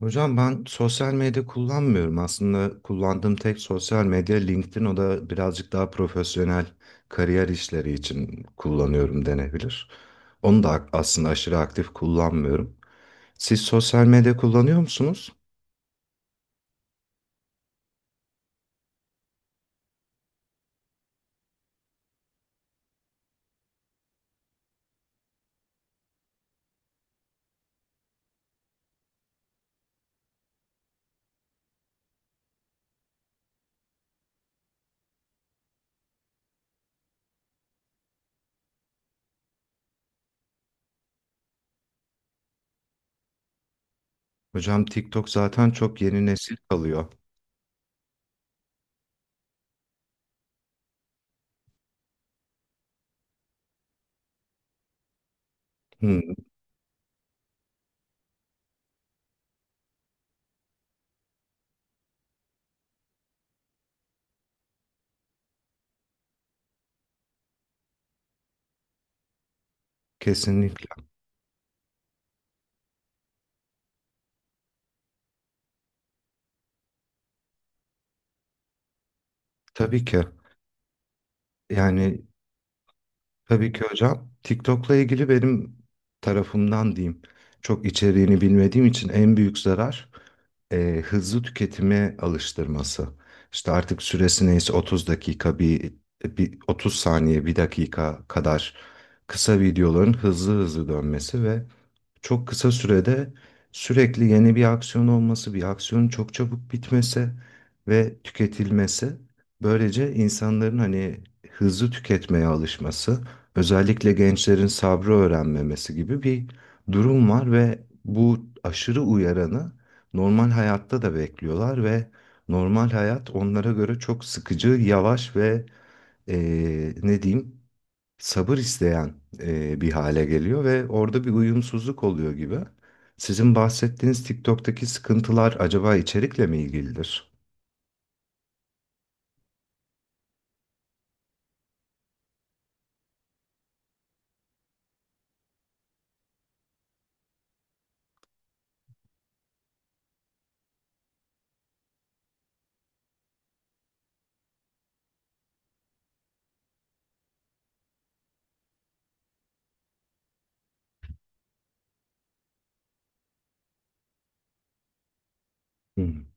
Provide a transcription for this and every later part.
Hocam ben sosyal medya kullanmıyorum. Aslında kullandığım tek sosyal medya LinkedIn. O da birazcık daha profesyonel kariyer işleri için kullanıyorum denebilir. Onu da aslında aşırı aktif kullanmıyorum. Siz sosyal medya kullanıyor musunuz? Hocam TikTok zaten çok yeni nesil kalıyor. Hı, kesinlikle. Tabii ki. Yani tabii ki hocam. TikTok'la ilgili benim tarafımdan diyeyim. Çok içeriğini bilmediğim için en büyük zarar hızlı tüketime alıştırması. İşte artık süresi neyse 30 dakika bir 30 saniye bir dakika kadar kısa videoların hızlı hızlı dönmesi ve çok kısa sürede sürekli yeni bir aksiyon olması, bir aksiyonun çok çabuk bitmesi ve tüketilmesi. Böylece insanların hani hızlı tüketmeye alışması, özellikle gençlerin sabrı öğrenmemesi gibi bir durum var ve bu aşırı uyaranı normal hayatta da bekliyorlar ve normal hayat onlara göre çok sıkıcı, yavaş ve ne diyeyim? Sabır isteyen bir hale geliyor ve orada bir uyumsuzluk oluyor gibi. Sizin bahsettiğiniz TikTok'taki sıkıntılar acaba içerikle mi ilgilidir? Hmm.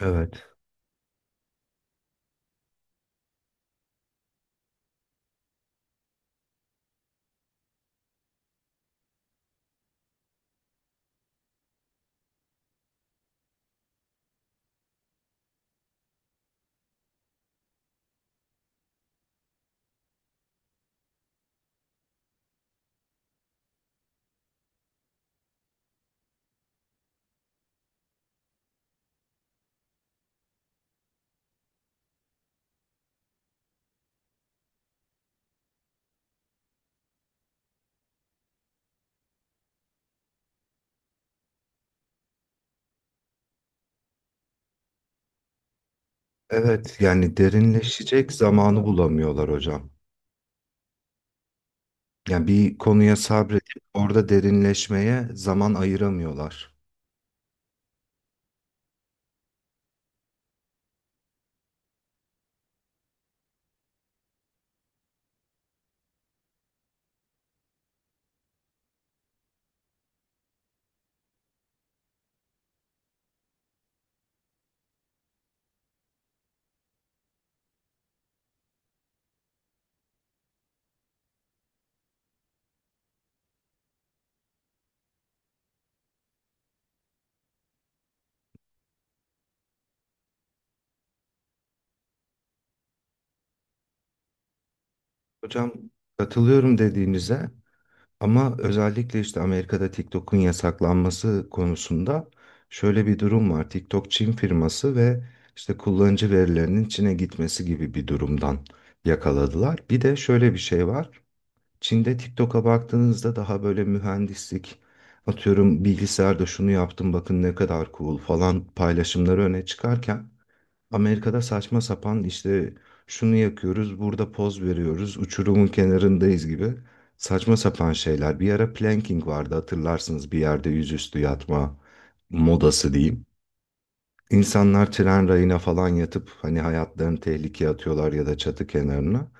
Evet. Evet, yani derinleşecek zamanı bulamıyorlar hocam. Yani bir konuya sabredip orada derinleşmeye zaman ayıramıyorlar. Hocam katılıyorum dediğinize. Ama özellikle işte Amerika'da TikTok'un yasaklanması konusunda şöyle bir durum var. TikTok Çin firması ve işte kullanıcı verilerinin Çin'e gitmesi gibi bir durumdan yakaladılar. Bir de şöyle bir şey var. Çin'de TikTok'a baktığınızda daha böyle mühendislik, atıyorum bilgisayarda şunu yaptım bakın ne kadar cool falan paylaşımları öne çıkarken Amerika'da saçma sapan işte şunu yakıyoruz, burada poz veriyoruz, uçurumun kenarındayız gibi saçma sapan şeyler. Bir ara planking vardı hatırlarsınız, bir yerde yüzüstü yatma modası diyeyim. İnsanlar tren rayına falan yatıp hani hayatlarını tehlikeye atıyorlar ya da çatı kenarına.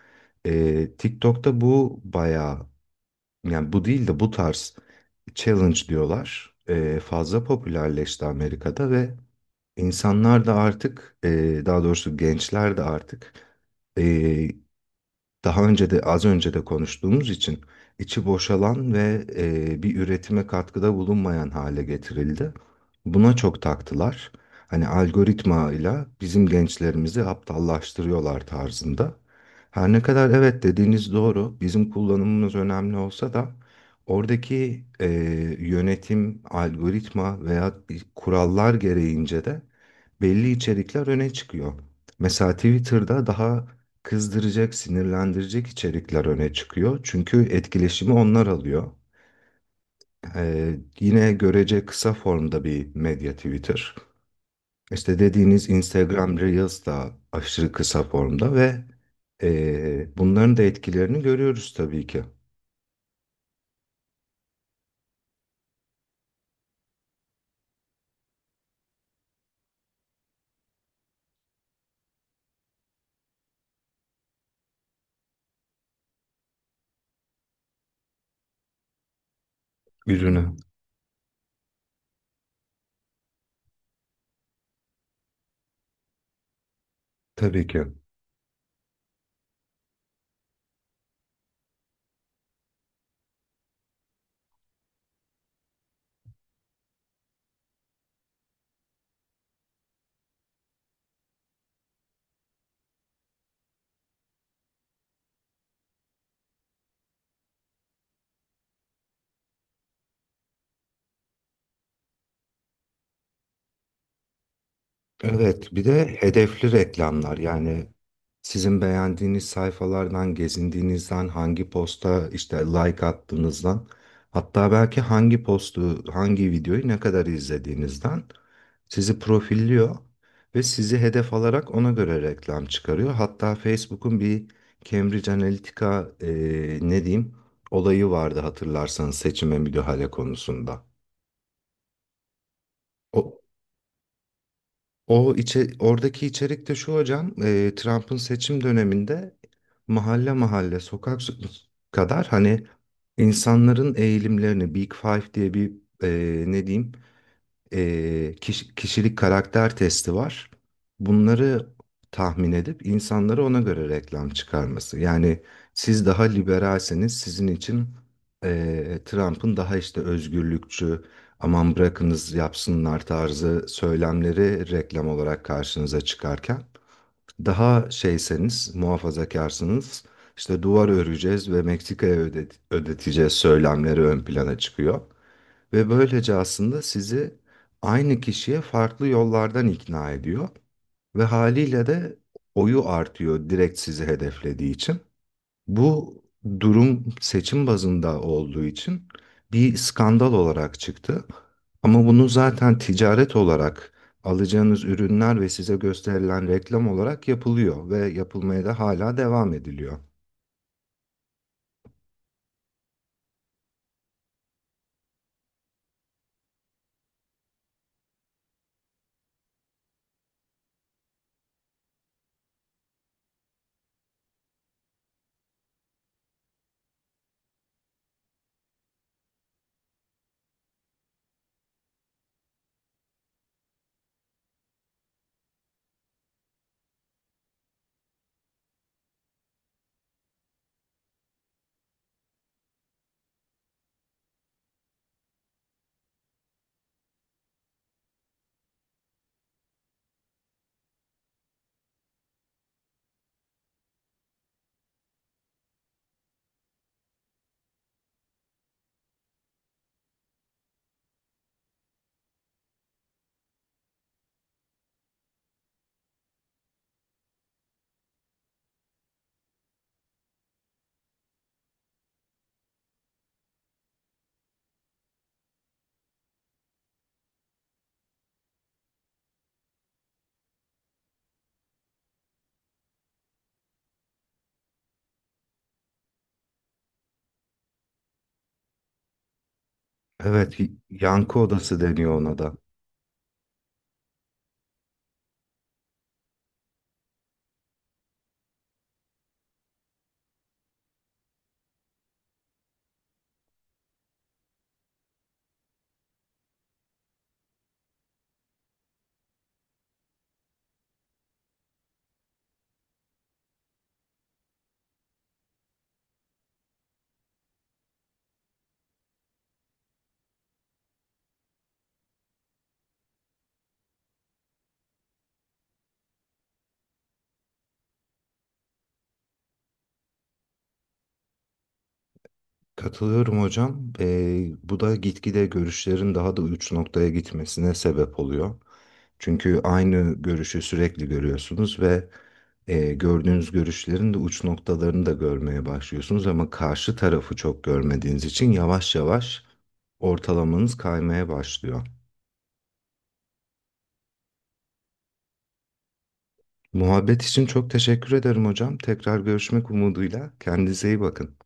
TikTok'ta bu bayağı, yani bu değil de bu tarz challenge diyorlar. Fazla popülerleşti Amerika'da ve İnsanlar da artık, daha doğrusu gençler de artık, e, daha önce de az önce de konuştuğumuz için içi boşalan ve bir üretime katkıda bulunmayan hale getirildi. Buna çok taktılar. Hani algoritmayla bizim gençlerimizi aptallaştırıyorlar tarzında. Her ne kadar evet dediğiniz doğru, bizim kullanımımız önemli olsa da oradaki yönetim, algoritma veya kurallar gereğince de belli içerikler öne çıkıyor. Mesela Twitter'da daha kızdıracak, sinirlendirecek içerikler öne çıkıyor. Çünkü etkileşimi onlar alıyor. Yine görece kısa formda bir medya Twitter. İşte dediğiniz Instagram Reels da aşırı kısa formda ve bunların da etkilerini görüyoruz tabii ki. Ürünü. Tabii ki. Evet, bir de hedefli reklamlar, yani sizin beğendiğiniz sayfalardan, gezindiğinizden, hangi posta işte like attığınızdan, hatta belki hangi postu, hangi videoyu ne kadar izlediğinizden sizi profilliyor ve sizi hedef alarak ona göre reklam çıkarıyor. Hatta Facebook'un bir Cambridge Analytica e, ne diyeyim olayı vardı hatırlarsanız, seçime müdahale konusunda. O, Oradaki içerik de şu hocam, Trump'ın seçim döneminde mahalle mahalle, sokak so- kadar hani insanların eğilimlerini, Big Five diye bir e, ne diyeyim, e, kiş- kişilik karakter testi var. Bunları tahmin edip insanlara ona göre reklam çıkarması. Yani siz daha liberalseniz sizin için Trump'ın daha işte özgürlükçü, aman bırakınız yapsınlar tarzı söylemleri reklam olarak karşınıza çıkarken daha şeyseniz, muhafazakarsınız, işte duvar öreceğiz ve ödeteceğiz söylemleri ön plana çıkıyor. Ve böylece aslında sizi aynı kişiye farklı yollardan ikna ediyor. Ve haliyle de oyu artıyor direkt sizi hedeflediği için. Bu durum seçim bazında olduğu için bir skandal olarak çıktı. Ama bunu zaten ticaret olarak alacağınız ürünler ve size gösterilen reklam olarak yapılıyor ve yapılmaya da hala devam ediliyor. Evet, yankı odası deniyor ona da. Katılıyorum hocam. Bu da gitgide görüşlerin daha da uç noktaya gitmesine sebep oluyor. Çünkü aynı görüşü sürekli görüyorsunuz ve gördüğünüz görüşlerin de uç noktalarını da görmeye başlıyorsunuz ama karşı tarafı çok görmediğiniz için yavaş yavaş ortalamanız kaymaya başlıyor. Muhabbet için çok teşekkür ederim hocam. Tekrar görüşmek umuduyla. Kendinize iyi bakın.